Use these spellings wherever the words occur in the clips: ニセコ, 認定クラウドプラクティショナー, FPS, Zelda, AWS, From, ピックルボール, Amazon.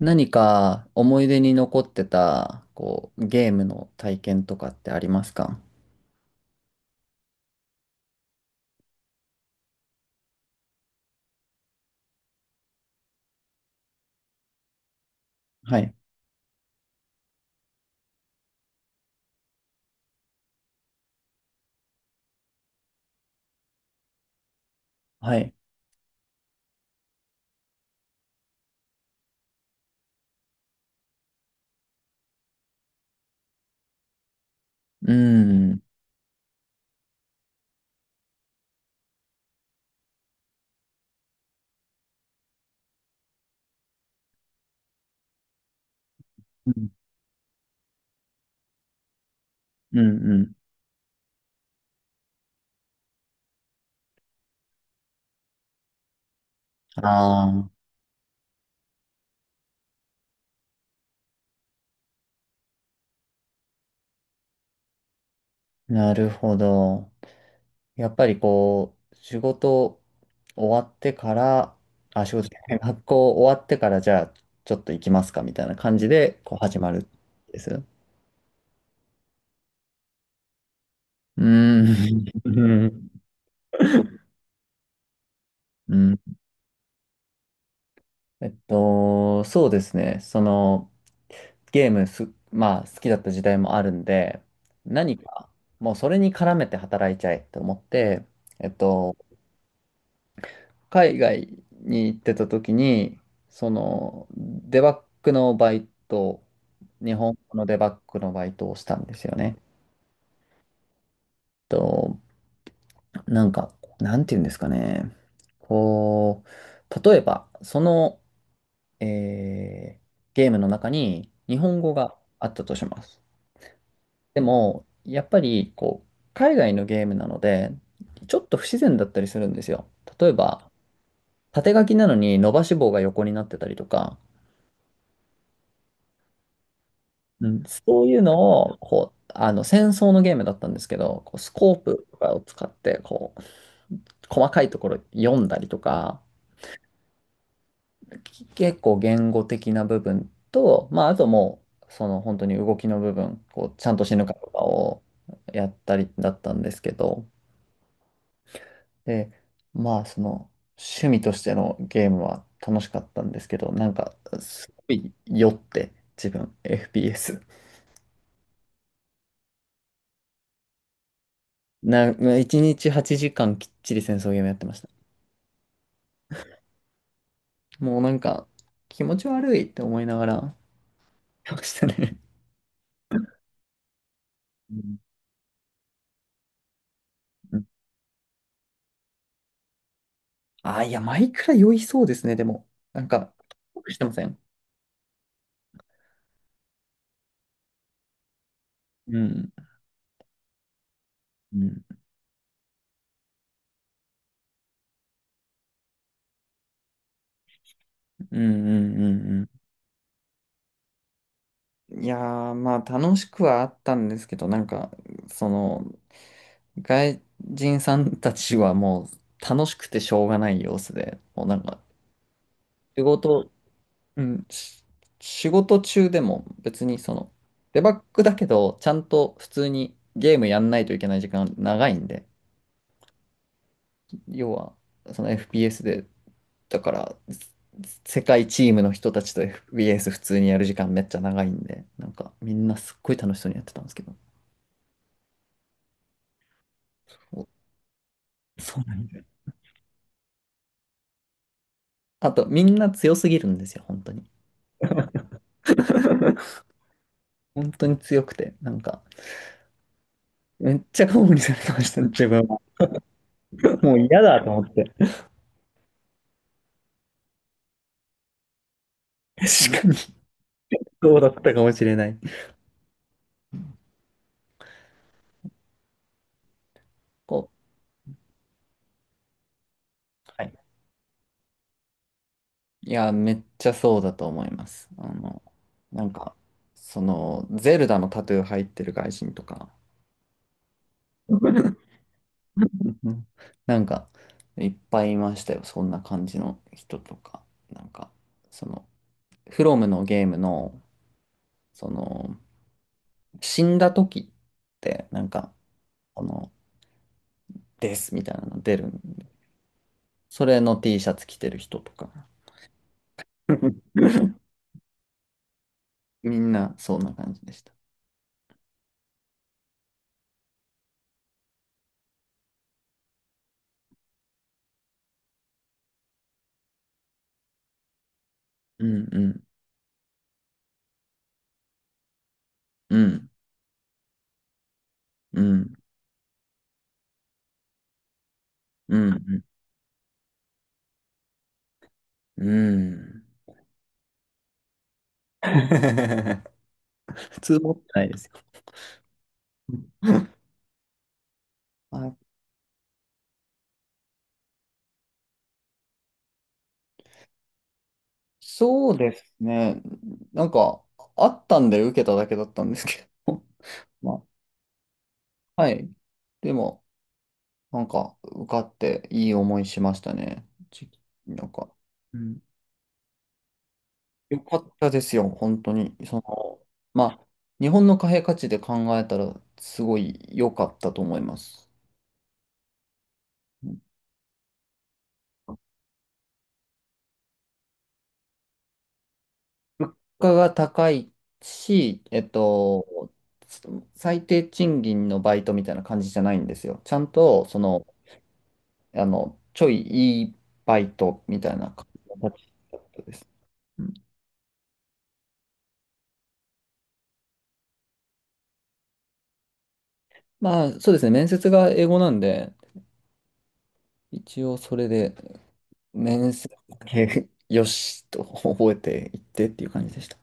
何か思い出に残ってた、こう、ゲームの体験とかってありますか？はい。はい。うん。うんうんうん。ああ、なるほど。やっぱりこう、仕事終わってから、あ、仕事じゃない、学校終わってから、じゃあ、ちょっと行きますかみたいな感じで、こう、始まるんです。うん。うん。そうですね。その、ゲームす、まあ、好きだった時代もあるんで、何か、もうそれに絡めて働いちゃえと思って、えっと、海外に行ってた時に、その、デバッグのバイト、日本語のデバッグのバイトをしたんですよね。と、なんか、なんていうんですかね。こう、例えば、その、えーゲームの中に日本語があったとします。でも、やっぱりこう海外のゲームなので、ちょっと不自然だったりするんですよ。例えば、縦書きなのに伸ばし棒が横になってたりとか、うん、そういうのをこうあの戦争のゲームだったんですけど、こうスコープとかを使ってこう細かいところ読んだりとか、結構言語的な部分と、まあ、あともう、その本当に動きの部分、こう、ちゃんと死ぬかとかをやったりだったんですけど、で、まあ、その、趣味としてのゲームは楽しかったんですけど、なんか、すごい酔って、自分、FPS。な、1日8時間きっちり戦争ゲームやってました。もうなんか、気持ち悪いって思いながら、やってましたね。うんうん、あ、いや、マイクラ酔いそうですね、でも。なんか、してません。うん、うん、うん、うん、うんうん。いやー、まあ楽しくはあったんですけど、なんか、その、外人さんたちはもう楽しくてしょうがない様子で、もうなんか、仕事、うん、仕事中でも別にその、デバッグだけど、ちゃんと普通にゲームやんないといけない時間長いんで、要は、その FPS でだから、世界チームの人たちと FBS 普通にやる時間めっちゃ長いんで、なんかみんなすっごい楽しそうにやってたんですけど。お、そうなんだ。あと、みんな強すぎるんですよ、本当に。本当に強くて、なんか、めっちゃ顔にされてました、自分は。もう嫌だと思って。確かに、そうだったかもしれない。こう、はい。いや、めっちゃそうだと思います。あの、なんか、その、ゼルダのタトゥー入ってる外人とか、うん、なんか、いっぱいいましたよ。そんな感じの人とか。なんか、その、フロムのゲームの、その、死んだ時って、なんか、この、ですみたいなの出るんで、それの T シャツ着てる人とか。みんな、そんな感じでした。うんうん、うん、うん、うん、うん。うん。 普通持ってないですよ。あ、そうですね。なんか、あったんで受けただけだったんですけど。まあ、はい。でも、なんか、受かっていい思いしましたね。なんか、うん、よかったですよ、本当に。その、まあ、日本の貨幣価値で考えたら、すごい良かったと思います。うん、物価が高いし、最低賃金のバイトみたいな感じじゃないんですよ。ちゃんと、その、あの、ちょいいいバイトみたいな感じの立ち人です。うん、まあ、そうですね。面接が英語なんで、一応それで、面接だけ よしと覚えていってっていう感じでした。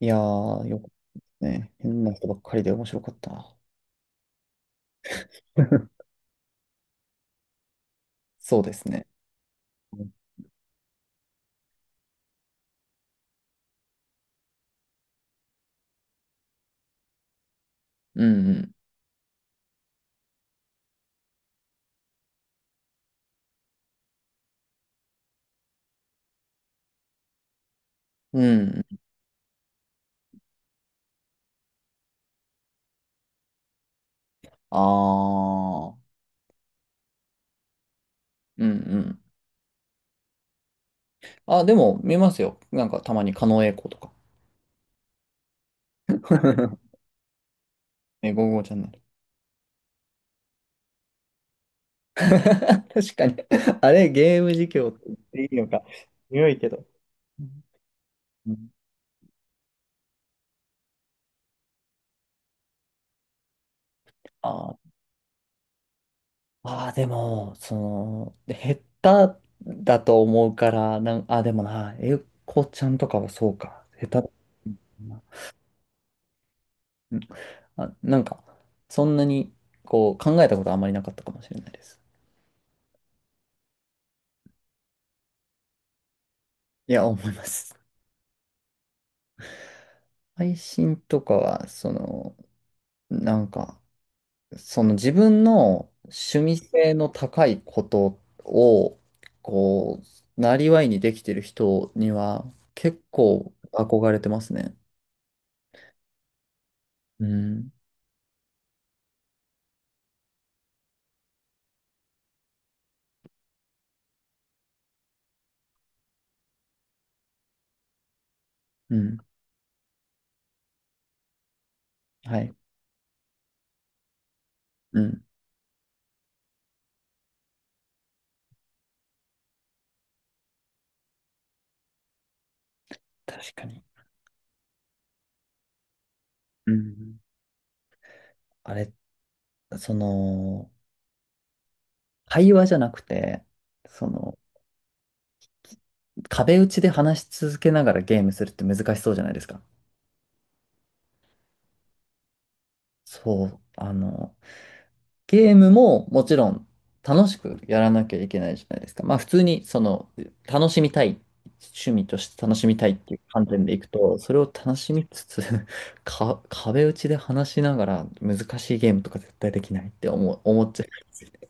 いやー、よかったね。変な人ばっかりで面白かったな。そうですね。うんうん。うん。ああ、うんうん。あ、でも見ますよ。なんかたまに狩野英孝とか。え、ゴーゴーちゃんね。確かに。あれ、ゲーム実況って言っていいのか。強いけど。うん、あーまあー、でも、その、減っただと思うから、あ、でもな、えこちゃんとかはそうか。下手。うん、あ、なんか、そんなに、こう、考えたことあんまりなかったかもしれないです。いや、思います。配信とかは、その、なんか、その自分の趣味性の高いことを、こう、なりわいにできてる人には結構憧れてますね。うん。うん。はい。うん。確かに。うん。あれ、その、会話じゃなくて、その、壁打ちで話し続けながらゲームするって難しそうじゃないですか？そう。あの、ゲームももちろん楽しくやらなきゃいけないじゃないですか。まあ普通にその楽しみたい、趣味として楽しみたいっていう観点でいくと、それを楽しみつつ か、壁打ちで話しながら難しいゲームとか絶対できないって思っちゃいますよね。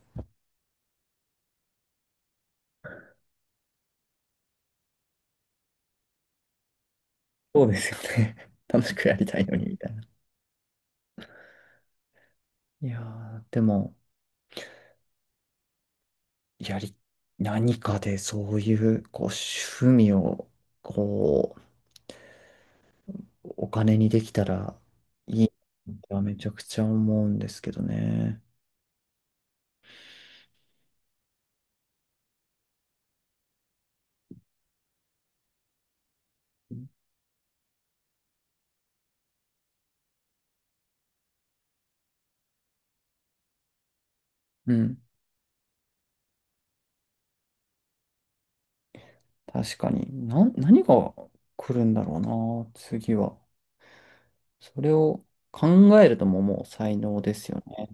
そうですよね。楽しくやりたいのにみたいな。いやー、でも、やり、何かでそういう、こう、趣味を、こう、お金にできたらいいとはめちゃくちゃ思うんですけどね。うん、確かに。何が来るんだろうな、次は。それを考えるとももう才能ですよね。